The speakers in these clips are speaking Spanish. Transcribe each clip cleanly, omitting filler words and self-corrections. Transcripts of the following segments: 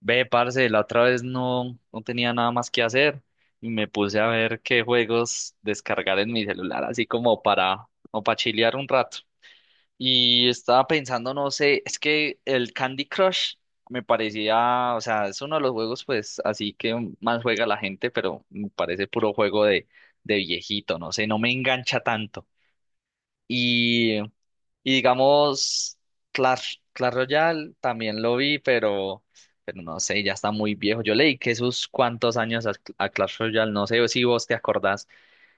Ve, parce, la otra vez no tenía nada más que hacer y me puse a ver qué juegos descargar en mi celular, así como o para chilear un rato. Y estaba pensando, no sé, es que el Candy Crush me parecía, o sea, es uno de los juegos, pues, así que más juega la gente, pero me parece puro juego de, viejito, no sé, no me engancha tanto. y y digamos, Clash Royale también lo vi, pero no sé, ya está muy viejo. Yo leí que sus cuantos años a, Clash Royale, no sé si vos te acordás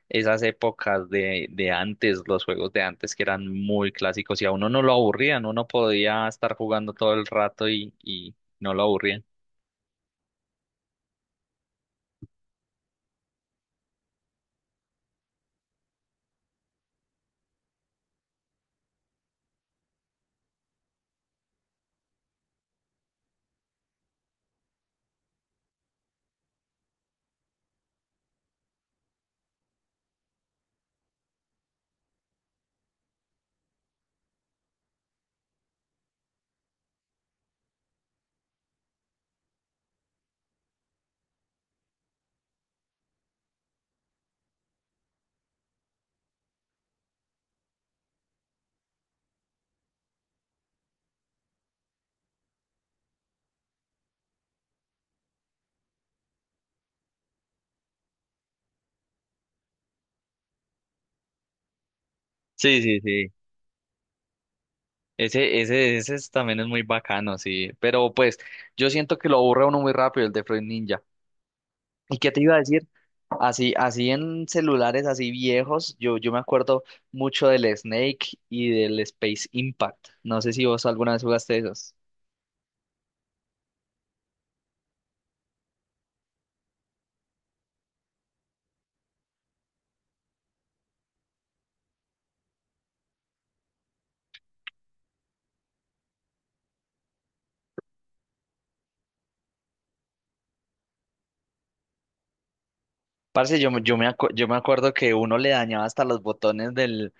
esas épocas de antes, los juegos de antes que eran muy clásicos y a uno no lo aburrían, uno podía estar jugando todo el rato y no lo aburrían. Sí, sí, sí. Ese también es muy bacano, sí. Pero pues yo siento que lo aburre a uno muy rápido el de Fruit Ninja. ¿Y qué te iba a decir? Así en celulares así viejos, yo me acuerdo mucho del Snake y del Space Impact. No sé si vos alguna vez jugaste esos. Parce, yo me acuerdo que uno le dañaba hasta los botones del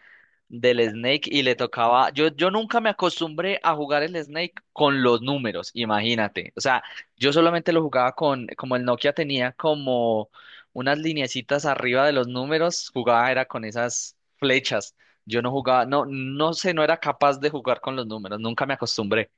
del Snake y le tocaba, yo nunca me acostumbré a jugar el Snake con los números, imagínate. O sea, yo solamente lo jugaba con, como el Nokia tenía como unas lineecitas arriba de los números, jugaba era con esas flechas. Yo no jugaba, no, no sé, no era capaz de jugar con los números, nunca me acostumbré.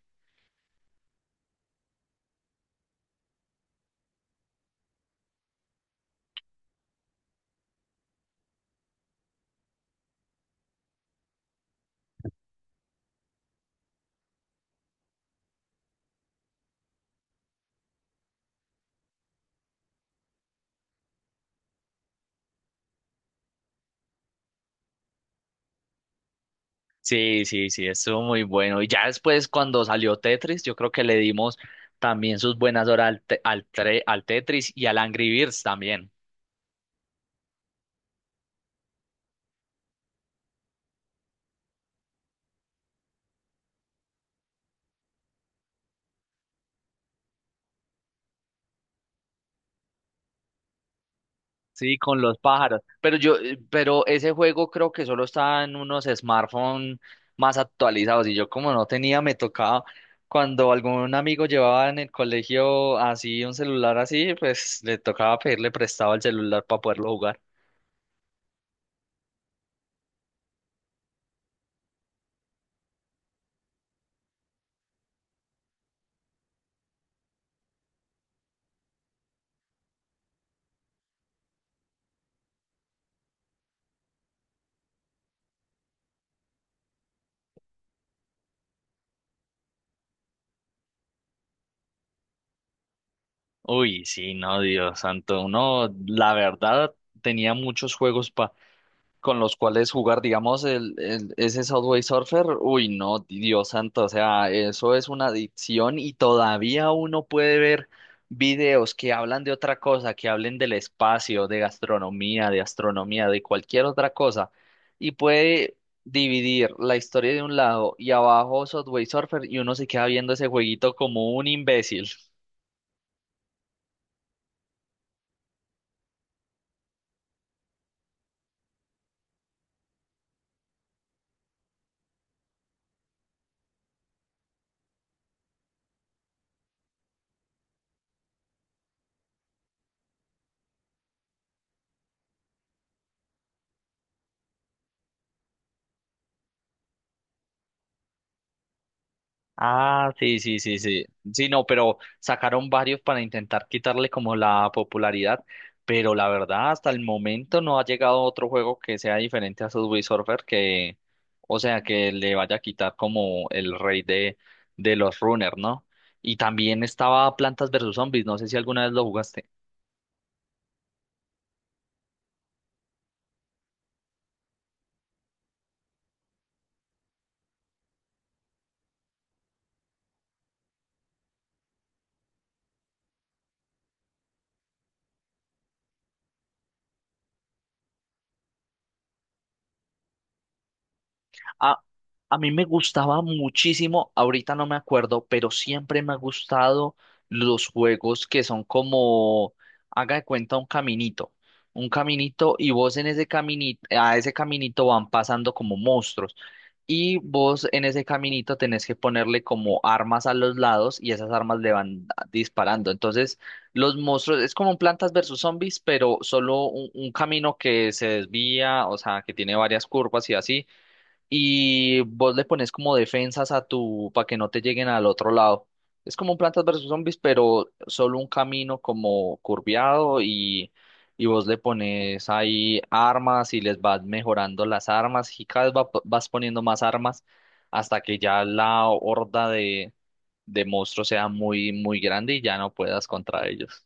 Sí, sí, sí, estuvo muy bueno. Y ya después cuando salió Tetris, yo creo que le dimos también sus buenas horas al Tetris y al Angry Birds también. Sí, con los pájaros. Pero pero ese juego creo que solo está en unos smartphones más actualizados. Y yo como no tenía, me tocaba cuando algún amigo llevaba en el colegio así un celular así, pues le tocaba pedirle prestado el celular para poderlo jugar. Uy, sí, no, Dios santo. Uno, la verdad, tenía muchos juegos con los cuales jugar, digamos, ese Subway Surfer, uy, no, Dios santo, o sea, eso es una adicción y todavía uno puede ver videos que hablan de otra cosa, que hablen del espacio, de gastronomía, de astronomía, de cualquier otra cosa, y puede dividir la historia de un lado y abajo Subway Surfer y uno se queda viendo ese jueguito como un imbécil. Ah, sí, sí, sí, sí. Sí, no, pero sacaron varios para intentar quitarle como la popularidad, pero la verdad hasta el momento no ha llegado otro juego que sea diferente a Subway Surfer que, o sea, que le vaya a quitar como el rey de los runners, ¿no? Y también estaba Plantas versus Zombies, no sé si alguna vez lo jugaste. A, a mí me gustaba muchísimo, ahorita no me acuerdo, pero siempre me ha gustado los juegos que son como, haga de cuenta, un caminito. Un caminito y vos en ese caminito, a ese caminito van pasando como monstruos. Y vos en ese caminito tenés que ponerle como armas a los lados y esas armas le van disparando. Entonces, los monstruos es como un Plantas versus Zombies, pero solo un, camino que se desvía, o sea, que tiene varias curvas y así y vos le pones como defensas a tu para que no te lleguen al otro lado. Es como un Plantas versus Zombies, pero solo un camino como curviado y vos le pones ahí armas y les vas mejorando las armas y cada vez vas poniendo más armas hasta que ya la horda de monstruos sea muy, muy grande y ya no puedas contra ellos.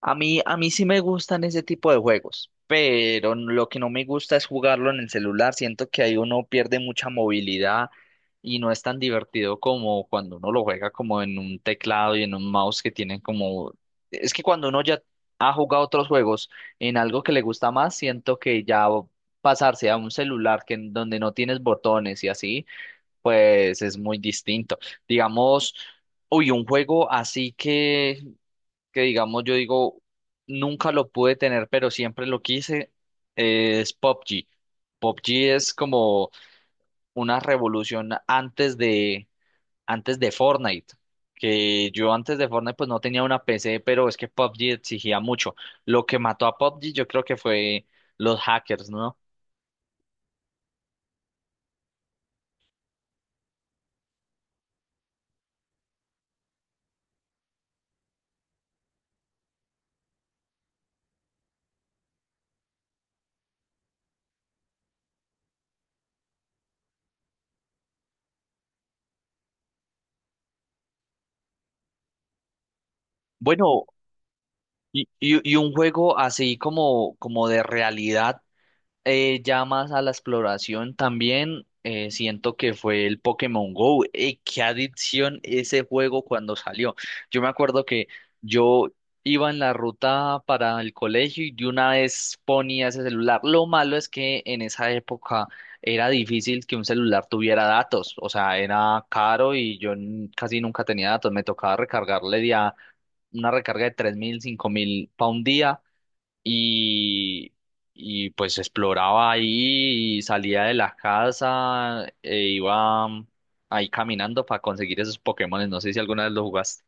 A mí sí me gustan ese tipo de juegos, pero lo que no me gusta es jugarlo en el celular. Siento que ahí uno pierde mucha movilidad y no es tan divertido como cuando uno lo juega como en un teclado y en un mouse que tienen como... Es que cuando uno ya ha jugado otros juegos en algo que le gusta más, siento que ya pasarse a un celular que en donde no tienes botones y así, pues es muy distinto. Digamos... Uy, un juego así que digamos yo digo, nunca lo pude tener, pero siempre lo quise, es PUBG. PUBG es como una revolución antes de, Fortnite. Que yo antes de Fortnite pues no tenía una PC, pero es que PUBG exigía mucho. Lo que mató a PUBG yo creo que fue los hackers, ¿no? Bueno, y un juego así como de realidad. Ya más a la exploración también, siento que fue el Pokémon Go. Qué adicción ese juego cuando salió. Yo me acuerdo que yo iba en la ruta para el colegio y de una vez ponía ese celular. Lo malo es que en esa época era difícil que un celular tuviera datos, o sea, era caro y yo casi nunca tenía datos. Me tocaba recargarle ya una recarga de 3.000 5.000 pa un día y, y pues exploraba ahí y salía de la casa e iba ahí caminando para conseguir esos Pokémones. No sé si alguna vez lo jugaste.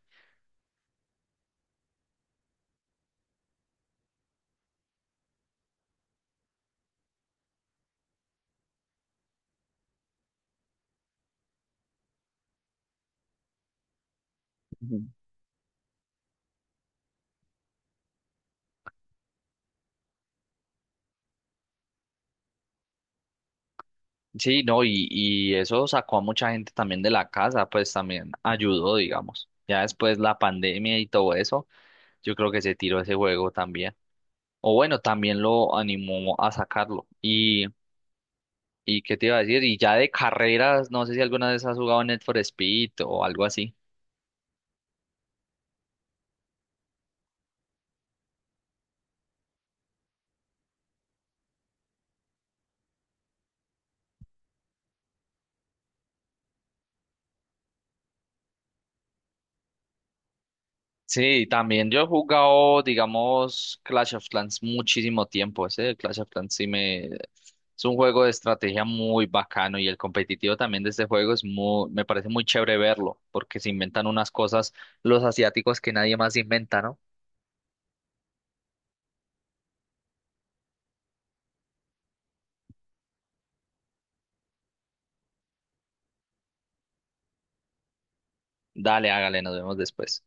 Ujú. Sí, no, y eso sacó a mucha gente también de la casa, pues también ayudó, digamos. Ya después la pandemia y todo eso, yo creo que se tiró ese juego también. O bueno, también lo animó a sacarlo. Y qué te iba a decir, y ya de carreras, no sé si alguna vez has jugado Need for Speed o algo así. Sí, también yo he jugado, digamos, Clash of Clans muchísimo tiempo. Ese Clash of Clans sí me... Es un juego de estrategia muy bacano y el competitivo también de este juego es muy... Me parece muy chévere verlo, porque se inventan unas cosas los asiáticos que nadie más inventa, ¿no? Dale, hágale, nos vemos después.